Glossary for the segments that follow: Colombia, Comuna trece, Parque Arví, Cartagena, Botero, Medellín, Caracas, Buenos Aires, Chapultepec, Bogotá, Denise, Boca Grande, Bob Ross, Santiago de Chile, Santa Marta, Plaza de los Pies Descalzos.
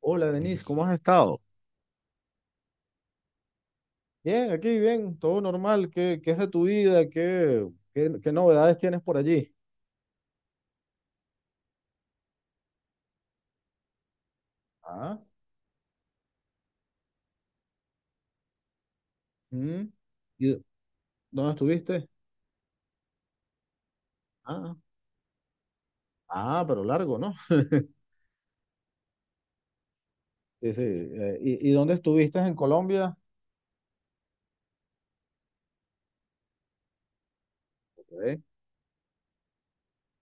Hola Denise, ¿cómo has estado? Bien, aquí bien, todo normal. ¿Qué es de tu vida? ¿Qué novedades tienes por allí? Ah. ¿Mm? ¿Y dónde estuviste? Ah, ah, pero largo, ¿no? Sí, sí. Y dónde estuviste en Colombia? Ok.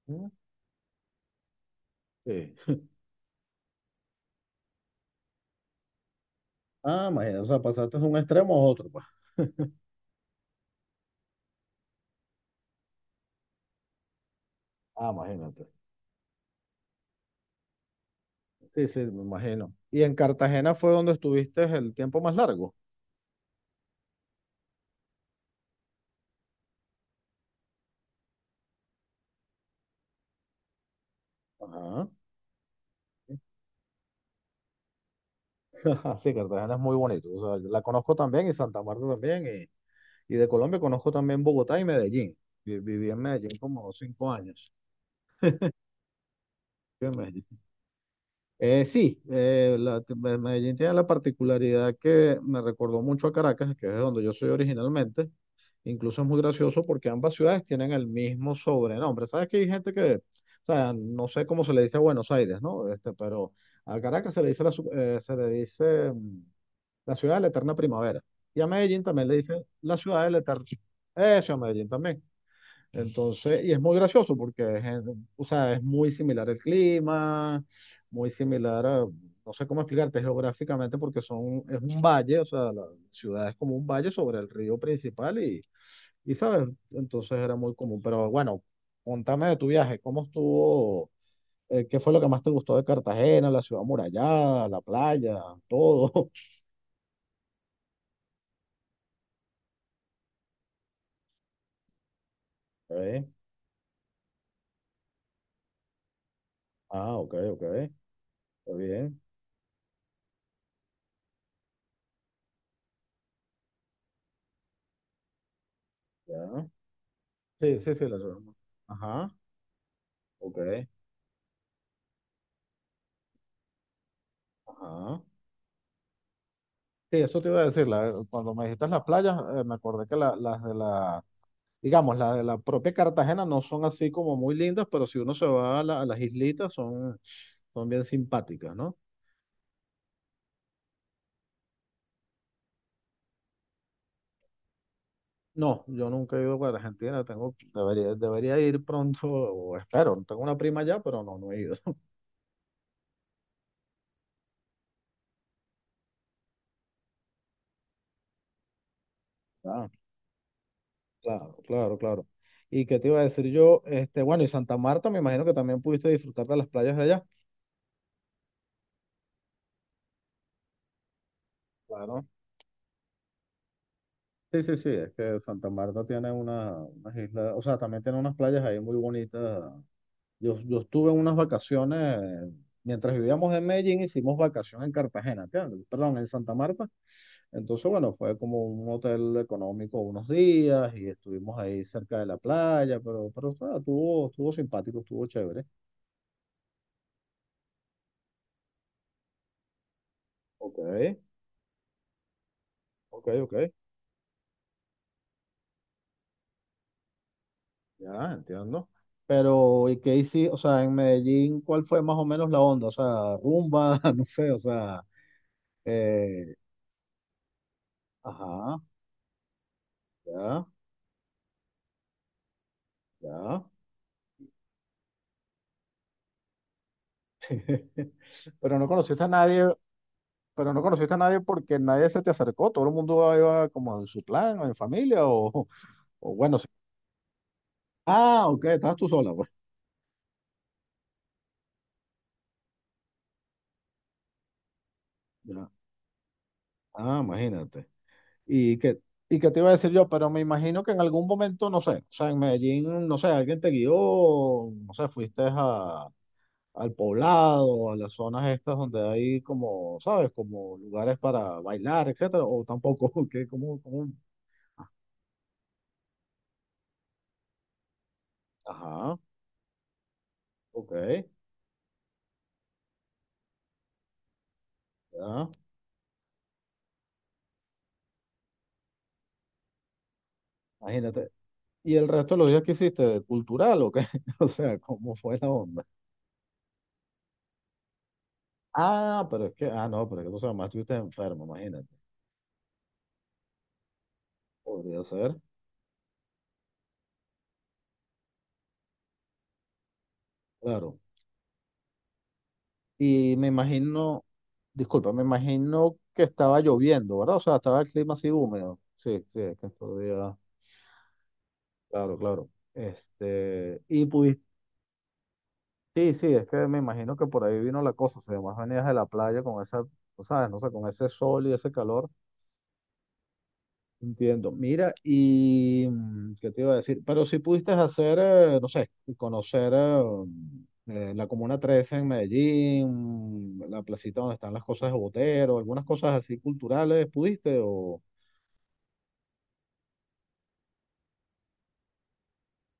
¿Mm? Sí. Ah, imagínate, o sea, pasaste de un extremo a otro, pues. Ah, imagínate. Sí, sí, me imagino. ¿Y en Cartagena fue donde estuviste el tiempo más largo? Ajá. Sí, Cartagena es muy bonito. O sea, yo la conozco también y Santa Marta también. Y de Colombia conozco también Bogotá y Medellín. Viví en Medellín como 5 años. Viví en Medellín. Sí, Medellín tiene la particularidad que me recordó mucho a Caracas, que es de donde yo soy originalmente. Incluso es muy gracioso porque ambas ciudades tienen el mismo sobrenombre. Sabes que hay gente que, o sea, no sé cómo se le dice a Buenos Aires, ¿no? Este, pero a Caracas se le dice la, su- se le dice la ciudad de la eterna primavera. Y a Medellín también le dicen la ciudad de la eterna. Eso, a Medellín también. Entonces, y es muy gracioso porque es, o sea, es muy similar el clima, muy similar a, no sé cómo explicarte geográficamente porque es un valle, o sea, la ciudad es como un valle sobre el río principal y, sabes, entonces era muy común. Pero bueno, contame de tu viaje, ¿cómo estuvo? ¿Qué fue lo que más te gustó de Cartagena, la ciudad amurallada, la playa, todo? Ok. Ah, ok, ok, está bien, ya. Sí, sí, sí, la ciudad. Ajá, ok, ajá. Sí, eso te iba a decir, cuando me dijiste las playas, me acordé que las de la, digamos, las de la propia Cartagena no son así como muy lindas, pero si uno se va a las islitas son bien simpáticas, ¿no? No, yo nunca he ido para Argentina, tengo, debería ir pronto, o espero, tengo una prima allá, pero no, no he ido. Ah, claro, claro, claro. ¿Y qué te iba a decir yo? Este, bueno, y Santa Marta, me imagino que también pudiste disfrutar de las playas de allá. Claro. Sí, sí, sí, es que Santa Marta tiene unas islas, o sea, también tiene unas playas ahí muy bonitas. Yo estuve en unas vacaciones, mientras vivíamos en Medellín, hicimos vacaciones en Cartagena, ¿entiendes? Perdón, en Santa Marta. Entonces, bueno, fue como un hotel económico unos días y estuvimos ahí cerca de la playa, pero, o sea, estuvo simpático, estuvo chévere. Ok, ok, ok, ya entiendo. Pero, ¿y qué hiciste? O sea, en Medellín, ¿cuál fue más o menos la onda? O sea, rumba, no sé, o sea. Eh, Ajá, ya, ya. Pero no conociste a nadie, pero no conociste a nadie porque nadie se te acercó, todo el mundo iba como en su plan, o en familia, o, o bueno, sí. Ah, ok, estabas tú sola, pues. Ya. Ah, imagínate. ¿Y qué, y qué te iba a decir yo? Pero me imagino que en algún momento, no sé, o sea, en Medellín, no sé, alguien te guió, no sé, fuiste al poblado, a las zonas estas donde hay como, ¿sabes? Como lugares para bailar, etcétera, o tampoco, que como, como ajá. Ok, ya, imagínate. ¿Y el resto de los días que hiciste? ¿Cultural o qué? O sea, ¿cómo fue la onda? Ah, pero es que, ah, no, pero es que tú sabes, más estuviste enfermo, imagínate. Podría ser, claro. Y me imagino, disculpa, me imagino que estaba lloviendo, ¿verdad? O sea, estaba el clima así húmedo. Sí, sí, es que estos días, claro, claro. Este, y pudiste, sí, sí, es que me imagino que por ahí vino la cosa, o sea, más venías de la playa con esa, tú sabes, no sé, con ese sol y ese calor. Entiendo. Mira, y qué te iba a decir, pero si pudiste hacer, no sé, conocer la Comuna 13 en Medellín, la placita donde están las cosas de Botero, algunas cosas así culturales, ¿pudiste? O,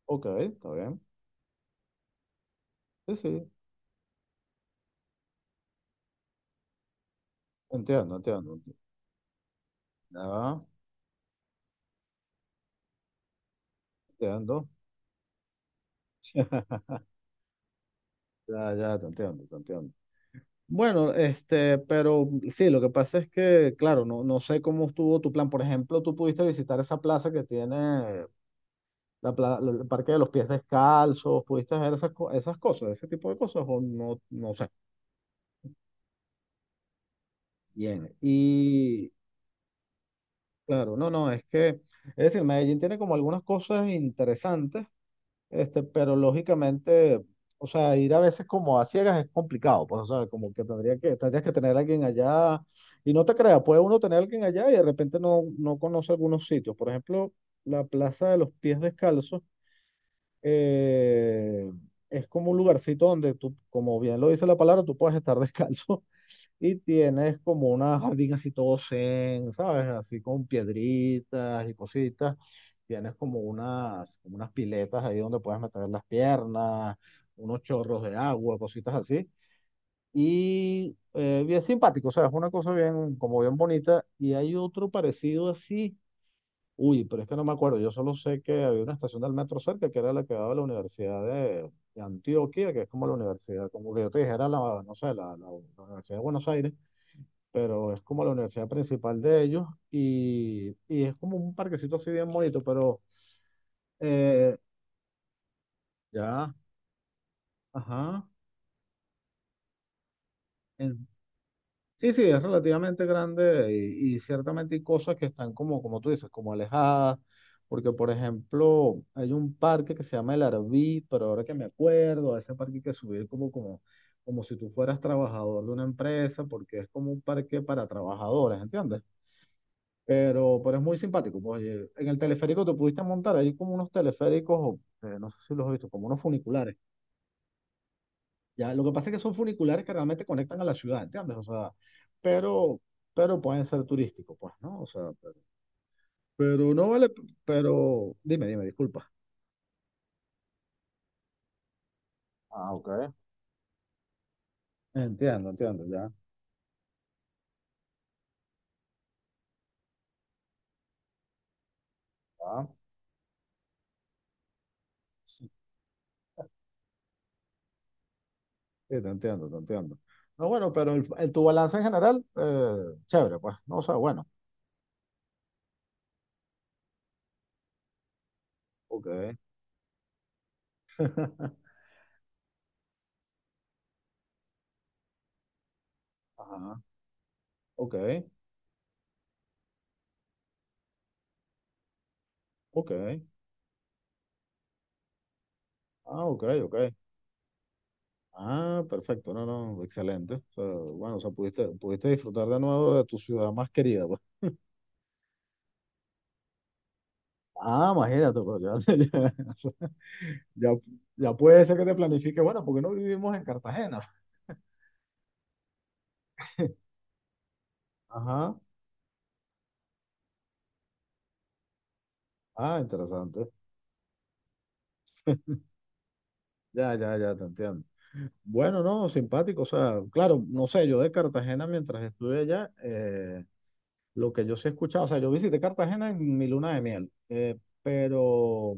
ok, está bien. Sí, sí, entiendo. Ya, entiendo. Ya, ya, te entiendo. Bueno, este, pero sí, lo que pasa es que, claro, no, no sé cómo estuvo tu plan. Por ejemplo, tú pudiste visitar esa plaza que tiene. El Parque de los Pies Descalzos, pudiste hacer esas cosas, ese tipo de cosas, o no, no sé. Bien, y claro, no, no, es que, es decir, Medellín tiene como algunas cosas interesantes, este, pero lógicamente, o sea, ir a veces como a ciegas es complicado, pues, o sea, como que tendría que, tendrías que tener a alguien allá, y no te creas, puede uno tener a alguien allá y de repente no conoce algunos sitios, por ejemplo, la Plaza de los Pies Descalzos eh, es como un lugarcito donde tú, como bien lo dice la palabra, tú puedes estar descalzo y tienes como una jardín así todo zen, ¿sabes? Así con piedritas y cositas. Tienes como unas piletas ahí donde puedes meter las piernas, unos chorros de agua, cositas así. Y bien simpático, ¿sabes? Una cosa bien, como bien bonita. Y hay otro parecido así. Uy, pero es que no me acuerdo. Yo solo sé que había una estación del metro cerca que era la que daba la Universidad de, Antioquia, que es como la universidad, como que yo te dijera, no sé, la Universidad de Buenos Aires, pero es como la universidad principal de ellos y, es como un parquecito así bien bonito, pero eh, ya, ajá. Sí, sí, es relativamente grande y ciertamente hay cosas que están como, como tú dices, como alejadas, porque por ejemplo hay un parque que se llama el Arví, pero ahora que me acuerdo, a ese parque hay que subir como si tú fueras trabajador de una empresa, porque es como un parque para trabajadores, ¿entiendes? Pero es muy simpático. Pues, oye, en el teleférico te pudiste montar, hay como unos teleféricos, no sé si los has visto, como unos funiculares. Ya, lo que pasa es que son funiculares que realmente conectan a la ciudad, ¿entiendes? O sea, pero, pero pueden ser turísticos, pues, ¿no? O sea, pero no vale, pero dime, dime, disculpa. Ah, ok. Entiendo, entiendo, ya. Ah, sí, te entiendo, te entiendo. No, bueno, pero tu balance en general, chévere, pues, no, o sea, bueno. Ok. Ajá, ok, ok. Ah, ok, ok. Ah, perfecto, no, no, excelente. O sea, bueno, o sea, pudiste disfrutar de nuevo de tu ciudad más querida, pues. Ah, imagínate, pero ya, ya, ya, ya puede ser que te planifique, bueno, porque no vivimos en Cartagena. Ajá, ah, interesante. Ya, ya, ya, te entiendo. Bueno, no, simpático, o sea, claro, no sé, yo de Cartagena mientras estuve allá, lo que yo sí he escuchado, o sea, yo visité Cartagena en mi luna de miel, pero,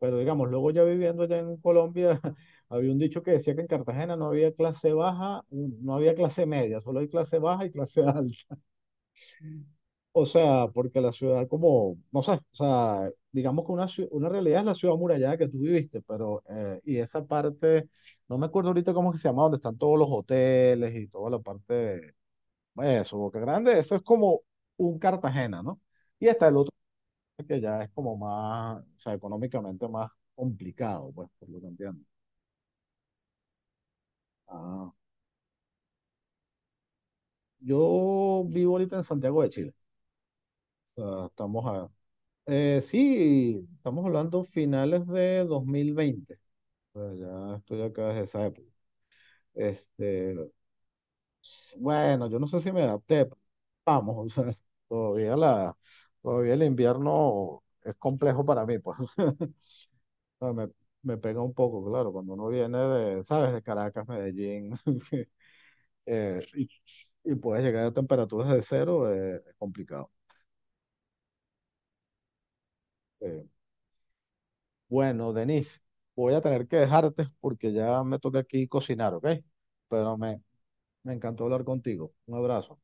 pero digamos, luego ya viviendo allá en Colombia, había un dicho que decía que en Cartagena no había clase baja, no había clase media, solo hay clase baja y clase alta. O sea, porque la ciudad como, no sé, o sea, digamos que una realidad es la ciudad amurallada que tú viviste, pero, y esa parte, no me acuerdo ahorita cómo es que se llama, donde están todos los hoteles y toda la parte, eso, Boca Grande, eso es como un Cartagena, ¿no? Y está el otro que ya es como más, o sea, económicamente más complicado, pues, por lo que entiendo. Ah, yo vivo ahorita en Santiago de Chile, o sea, estamos a, sí, estamos hablando finales de 2020. Bueno, ya estoy acá desde esa época. Este, bueno, yo no sé si me adapté, pero vamos, o sea, todavía la, todavía el invierno es complejo para mí, pues. O sea, me pega un poco, claro, cuando uno viene de, ¿sabes? De Caracas, Medellín, eh, y, y puedes llegar a temperaturas de cero, es complicado. Eh, bueno, Denise, voy a tener que dejarte porque ya me toca aquí cocinar, ¿ok? Pero me encantó hablar contigo. Un abrazo.